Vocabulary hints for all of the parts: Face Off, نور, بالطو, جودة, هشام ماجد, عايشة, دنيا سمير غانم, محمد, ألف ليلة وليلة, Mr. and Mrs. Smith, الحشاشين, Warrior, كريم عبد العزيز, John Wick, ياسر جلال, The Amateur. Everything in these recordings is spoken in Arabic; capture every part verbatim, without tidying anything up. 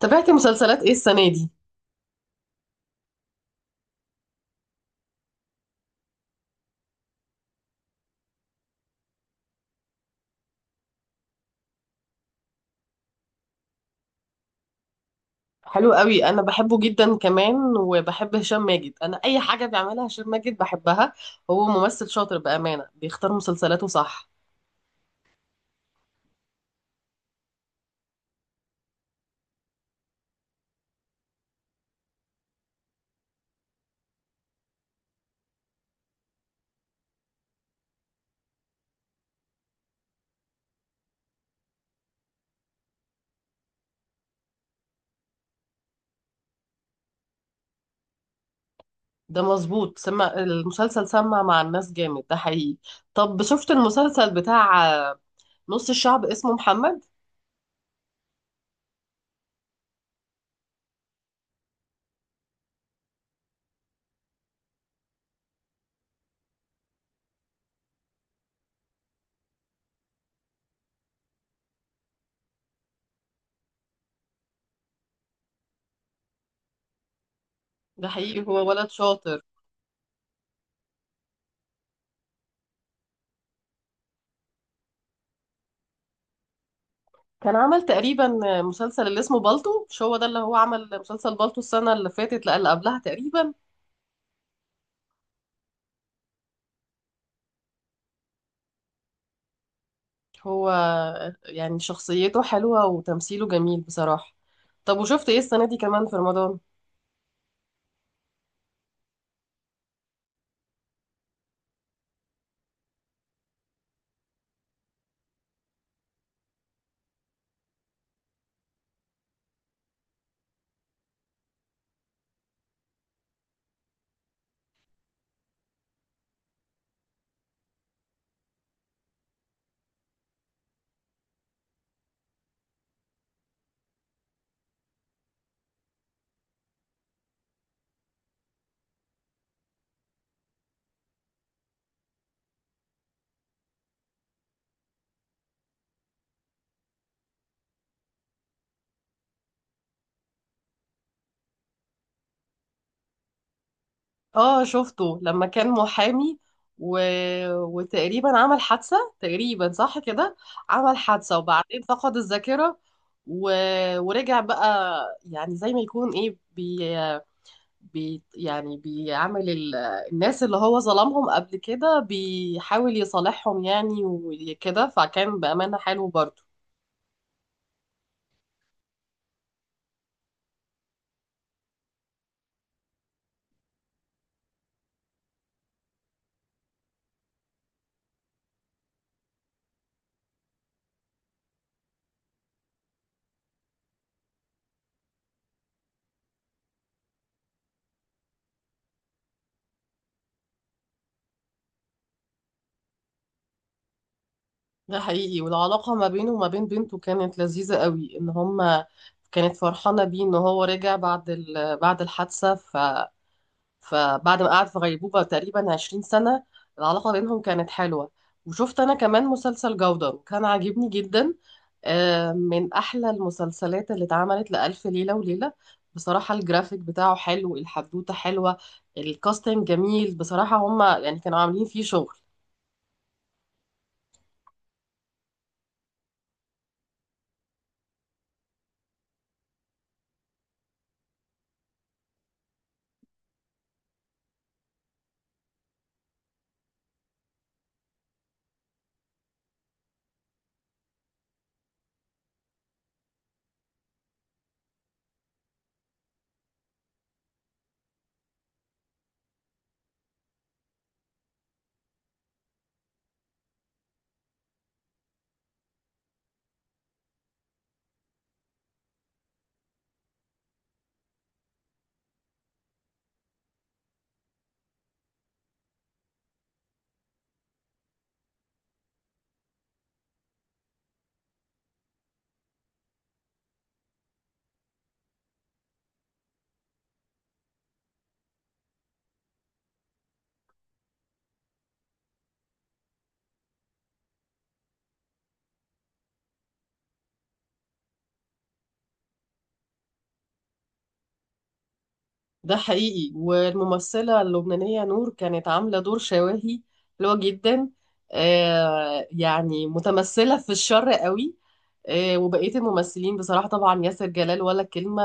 تابعتي مسلسلات ايه السنة دي؟ حلو قوي انا بحبه جدا كمان وبحب هشام ماجد. انا اي حاجة بيعملها هشام ماجد بحبها. هو ممثل شاطر بأمانة، بيختار مسلسلاته صح. ده مظبوط، سمع المسلسل سمع مع الناس جامد، ده حقيقي. طب شفت المسلسل بتاع آه، نص الشعب اسمه محمد؟ ده حقيقي، هو ولد شاطر. كان عمل تقريبا مسلسل اللي اسمه بالطو. مش هو ده اللي هو عمل مسلسل بالطو السنة اللي فاتت؟ لا اللي قبلها تقريبا. هو يعني شخصيته حلوة وتمثيله جميل بصراحة. طب وشفت ايه السنة دي كمان في رمضان؟ اه شفته لما كان محامي و... وتقريبا عمل حادثة، تقريبا صح كده، عمل حادثة وبعدين فقد الذاكرة و... ورجع بقى، يعني زي ما يكون ايه بي... بي... يعني بيعمل ال... الناس اللي هو ظلمهم قبل كده بيحاول يصالحهم يعني وكده، فكان بأمانة حلو برضه. ده حقيقي، والعلاقة ما بينه وما بين بنته كانت لذيذة قوي، ان هما كانت فرحانة بيه ان هو رجع بعد ال... بعد الحادثة، ف... فبعد ما قعد في غيبوبة تقريبا عشرين سنة، العلاقة بينهم كانت حلوة. وشفت انا كمان مسلسل جودة وكان عاجبني جدا. آه، من احلى المسلسلات اللي اتعملت لألف ليلة وليلة. بصراحة الجرافيك بتاعه حلو، الحدوتة حلوة، الكاستنج جميل بصراحة، هما يعني كانوا عاملين فيه شغل. ده حقيقي، والممثلة اللبنانية نور كانت عاملة دور شواهي حلوة جدا. آه يعني متمثلة في الشر قوي. آه، وبقية الممثلين بصراحة، طبعا ياسر جلال ولا كلمة،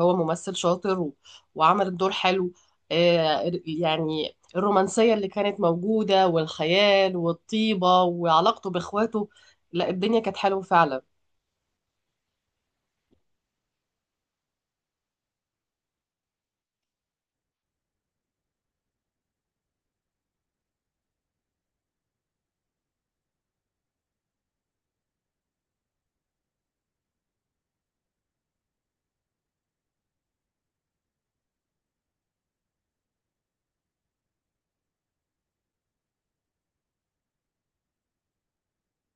هو ممثل شاطر و- وعمل الدور حلو. آه يعني الرومانسية اللي كانت موجودة والخيال والطيبة وعلاقته بإخواته، لا الدنيا كانت حلوة فعلا.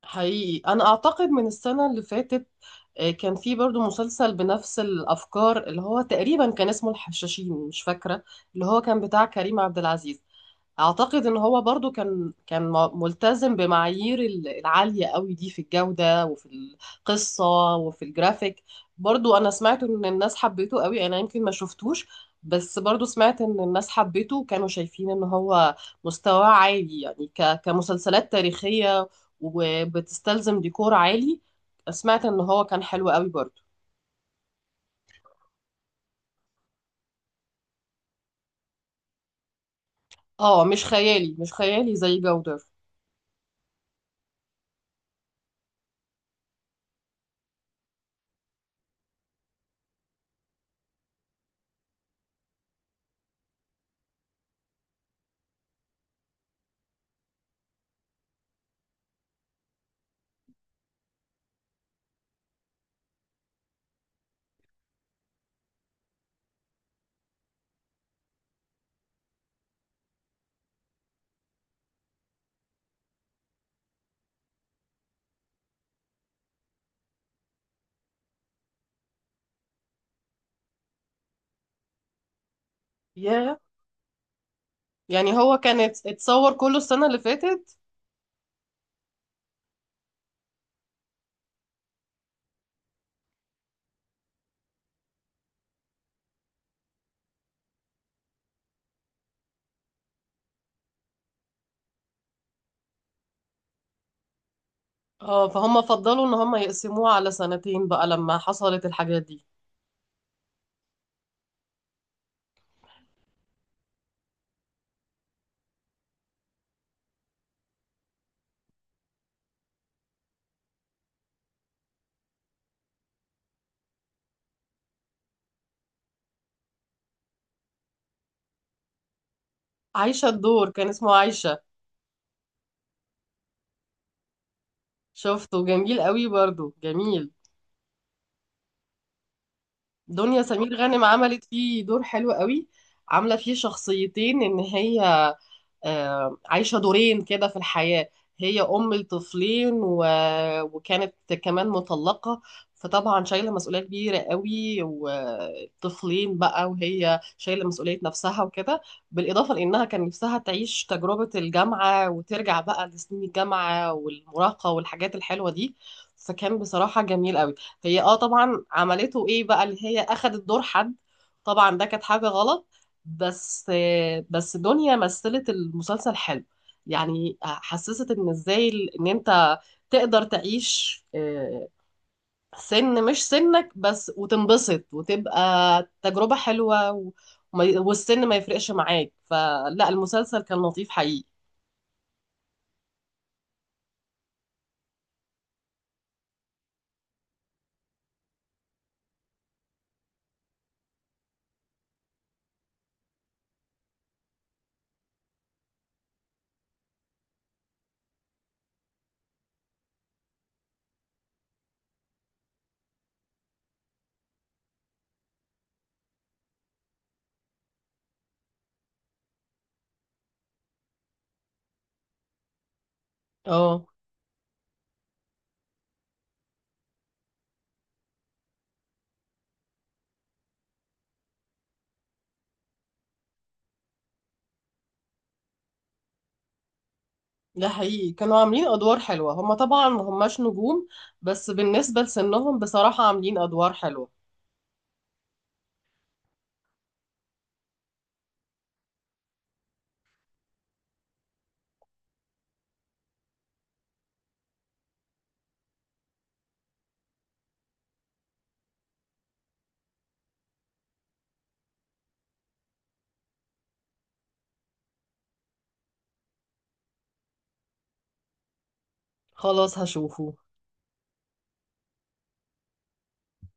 حقيقي انا اعتقد من السنه اللي فاتت آه، كان في برضو مسلسل بنفس الافكار اللي هو تقريبا كان اسمه الحشاشين، مش فاكره، اللي هو كان بتاع كريم عبد العزيز. اعتقد ان هو برضو كان كان م- ملتزم بمعايير ال- العالية قوي دي في الجودة وفي القصة وفي الجرافيك. برضو انا سمعت ان الناس حبيته قوي، انا يمكن ما شفتوش، بس برضو سمعت ان الناس حبيته وكانوا شايفين ان هو مستواه عالي يعني ك- كمسلسلات تاريخية وبتستلزم ديكور عالي. سمعت ان هو كان حلو قوي برضو. اه مش خيالي، مش خيالي زي جودر. ياه، يعني هو كان ات- اتصور كله السنة اللي فاتت. اه فهم فضلوا ان هم يقسموه على سنتين بقى لما حصلت الحاجات دي. عايشة، الدور كان اسمه عايشة. شفته جميل قوي برضو، جميل. دنيا سمير غانم عملت فيه دور حلو قوي. عاملة فيه شخصيتين، ان هي آه، عايشة دورين كده في الحياة. هي أم لطفلين و... وكانت كمان مطلقة. فطبعا شايلة مسؤولية كبيرة قوي وطفلين بقى وهي شايلة مسؤولية نفسها وكده، بالإضافة لأنها كان نفسها تعيش تجربة الجامعة وترجع بقى لسنين الجامعة والمراهقة والحاجات الحلوة دي، فكان بصراحة جميل قوي. هي اه طبعا عملته ايه بقى، اللي هي أخدت دور حد، طبعا ده كانت حاجة غلط، بس بس دنيا مثلت المسلسل حلو، يعني حسست ان ازاي ال- ان انت تقدر تعيش آه، سن مش سنك بس وتنبسط وتبقى تجربة حلوة و- وما- والسن ما يفرقش معاك، فلا المسلسل كان لطيف حقيقي. اه ده حقيقي، كانوا عاملين ادوار حلوة، هما طبعا ما هماش نجوم، بس بالنسبة لسنهم بصراحة عاملين ادوار حلوة. خلاص هشوفه.